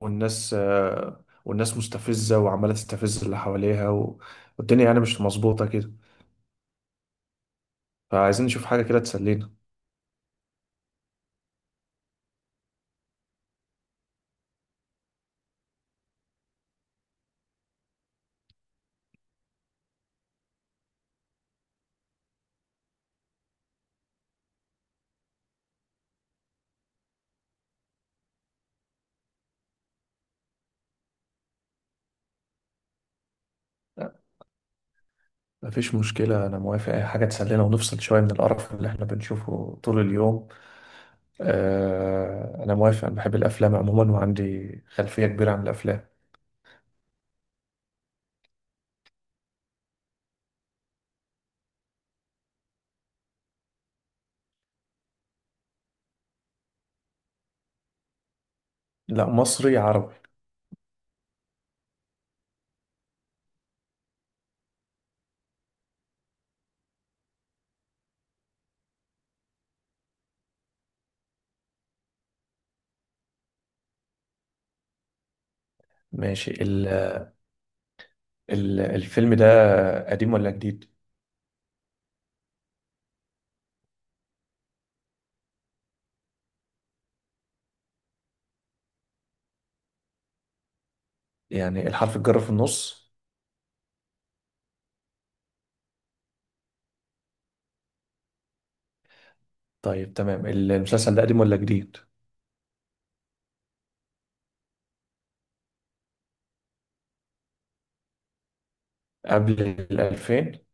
والناس مستفزة وعمالة تستفز اللي حواليها والدنيا يعني مش مظبوطة كده، فعايزين نشوف حاجة كده تسلينا. لا، مفيش مشكلة، أنا موافق أي حاجة تسلينا ونفصل شوية من القرف اللي إحنا بنشوفه طول اليوم. آه، أنا موافق، أنا بحب الأفلام عموما وعندي خلفية كبيرة عن الأفلام. لا، مصري عربي. ماشي. ال ال الفيلم ده قديم ولا جديد؟ يعني الحرف الجر في النص؟ طيب تمام. المسلسل ده قديم ولا جديد؟ قبل الألفين؟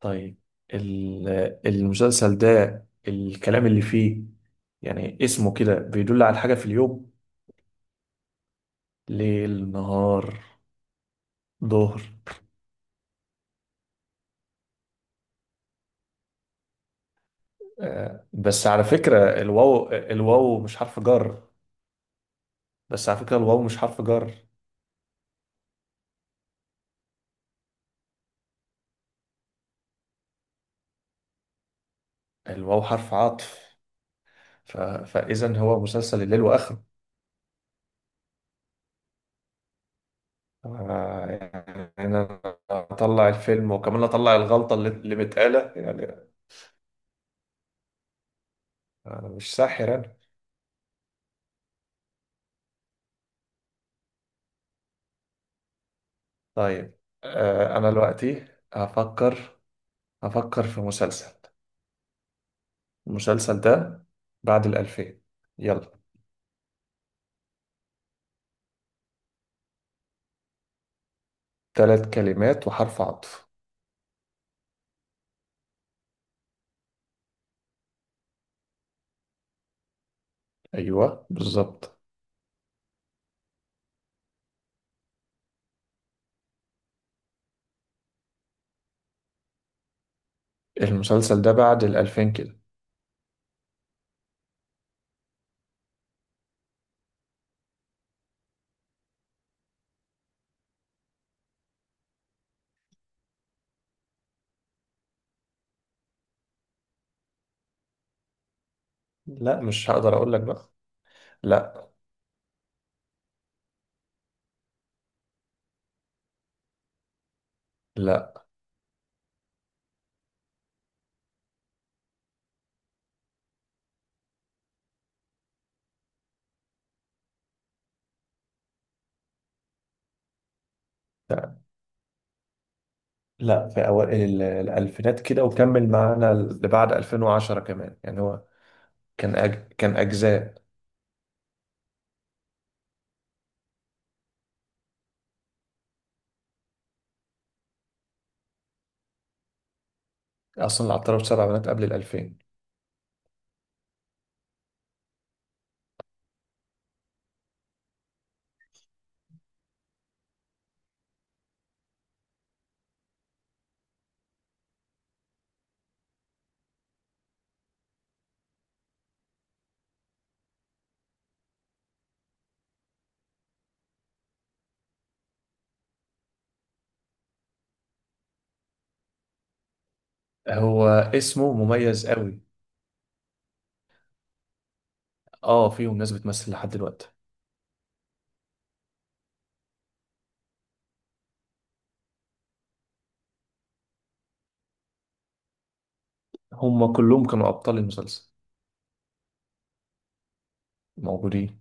طيب. ال- المسلسل ده، الكلام اللي فيه، يعني اسمه كده بيدل على حاجة في اليوم؟ ليل، نهار، ظهر. آه، بس على فكرة الواو مش حرف جر. بس على فكرة الواو مش حرف جر الواو حرف عطف. فإذا هو مسلسل الليل وآخره. آه، يعني أنا أطلع الفيلم وكمان أطلع الغلطة اللي متقالة، يعني أنا مش ساحر أنا. طيب. آه، أنا دلوقتي هفكر، أفكر في مسلسل. المسلسل ده بعد الألفين. يلا. ثلاث كلمات وحرف عطف. أيوة بالظبط. المسلسل ده بعد الألفين كده. لا، مش هقدر أقول لك بقى. لا. لا. لا، في أوائل الألفينات كده، وكمل معانا لبعد 2010 كمان، يعني هو كان أجزاء. أصلا العطار سبع بنات قبل الألفين. هو اسمه مميز قوي. اه، فيهم ناس بتمثل لحد دلوقتي. هم كلهم كانوا أبطال المسلسل موجودين.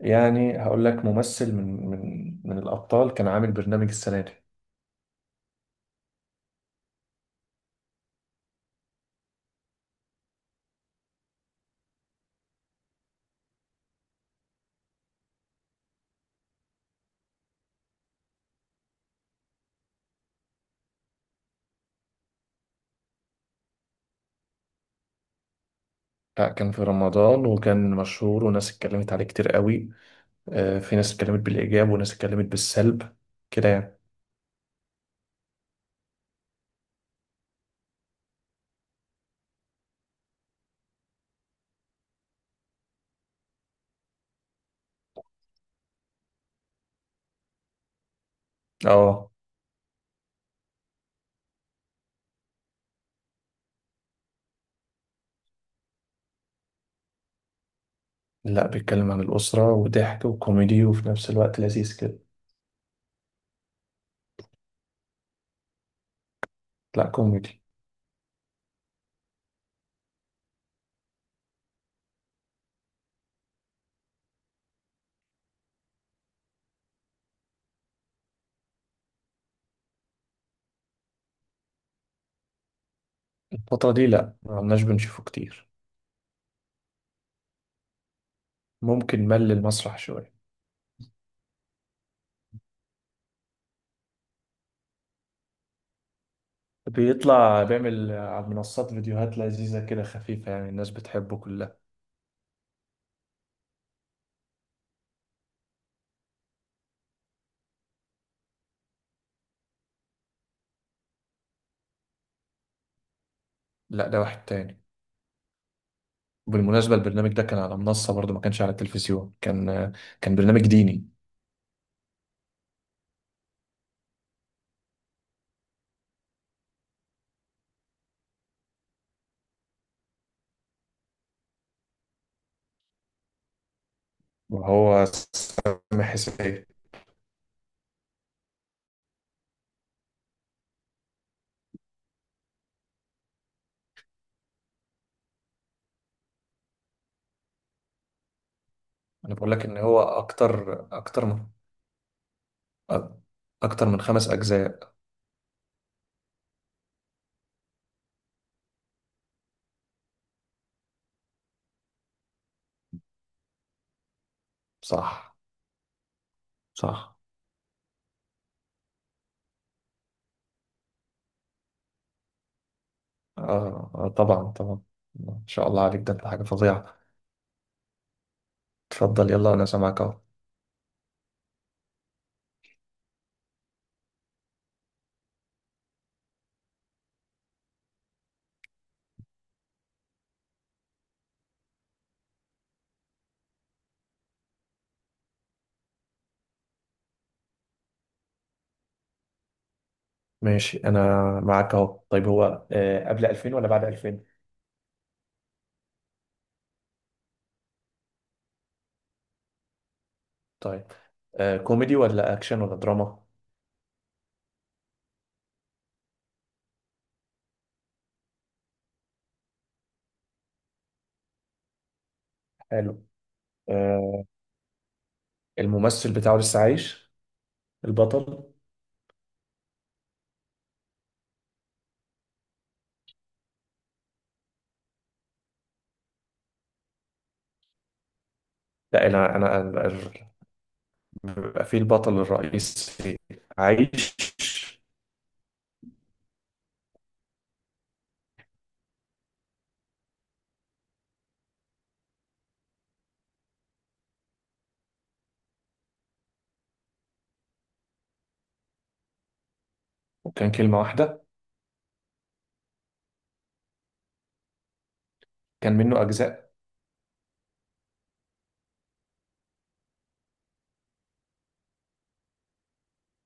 يعني هقول لك ممثل من الأبطال كان عامل برنامج السنة دي. لا، كان في رمضان، وكان مشهور، وناس اتكلمت عليه كتير قوي. آه، في ناس اتكلمت بالإيجاب وناس اتكلمت بالسلب كده يعني. اه. لا، بيتكلم عن الأسرة وضحك وكوميدي، وفي نفس الوقت لذيذ كده. لا، كوميدي. الفترة دي لا، ما عمناش بنشوفه كتير. ممكن مل المسرح شوية. بيطلع، بيعمل على المنصات فيديوهات لذيذة كده، خفيفة، يعني الناس بتحبه كلها. لا ده واحد تاني. بالمناسبة البرنامج ده كان على منصة برضه، ما كانش على التلفزيون. كان برنامج ديني. وهو سامح حسين. أنا بقول لك إن هو أكتر من 5 أجزاء. صح. صح. آه, آه طبعا طبعا. ما شاء الله عليك، ده أنت حاجة فظيعة. اتفضل، يلا، أنا سامعك أهو. ماشي. أنا معاك أهو. طيب، هو آه قبل 2000 ولا بعد 2000؟ طيب. آه، كوميدي ولا أكشن ولا دراما؟ حلو. آه، الممثل بتاعه لسه عايش، البطل؟ لا، انا بيبقى في البطل الرئيسي عايش. وكان كلمة واحدة؟ كان منه أجزاء؟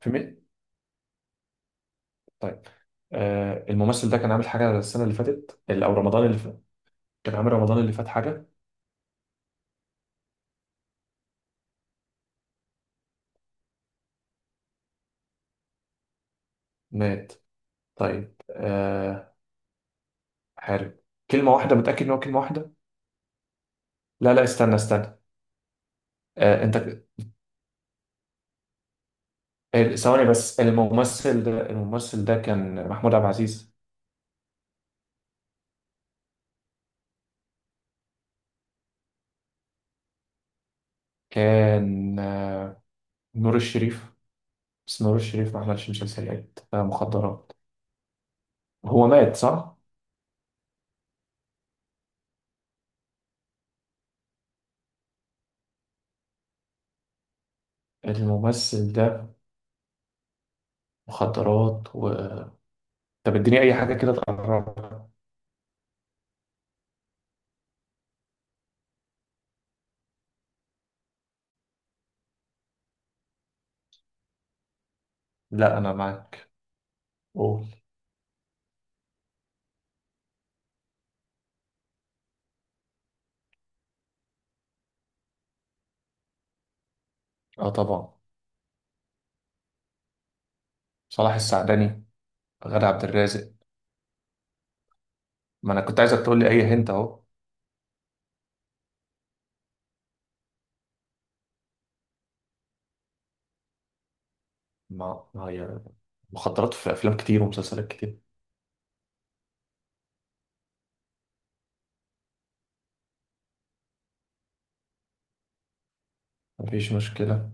في مي... طيب. آه، الممثل ده كان عامل حاجة السنة اللي فاتت، أو رمضان اللي فات كان عامل رمضان اللي فات حاجة؟ مات؟ طيب. آه، حارب؟ كلمة واحدة، متأكد إن هو كلمة واحدة؟ لا، لا، استنى، استنى. آه أنت، ثواني بس، الممثل ده كان محمود عبد العزيز؟ كان آه، نور الشريف؟ بس نور الشريف ما عملش مسلسلات آه مخدرات. هو مات صح؟ الممثل ده، مخدرات و... طب اديني أي حاجة كده تقربها. لا، أنا معاك، قول. اه طبعا. صلاح السعدني، غادة عبد الرازق. ما أنا كنت عايزك تقول لي أي هنت أهو. ما هي مخدرات في أفلام كتير ومسلسلات كتير. مفيش مشكلة.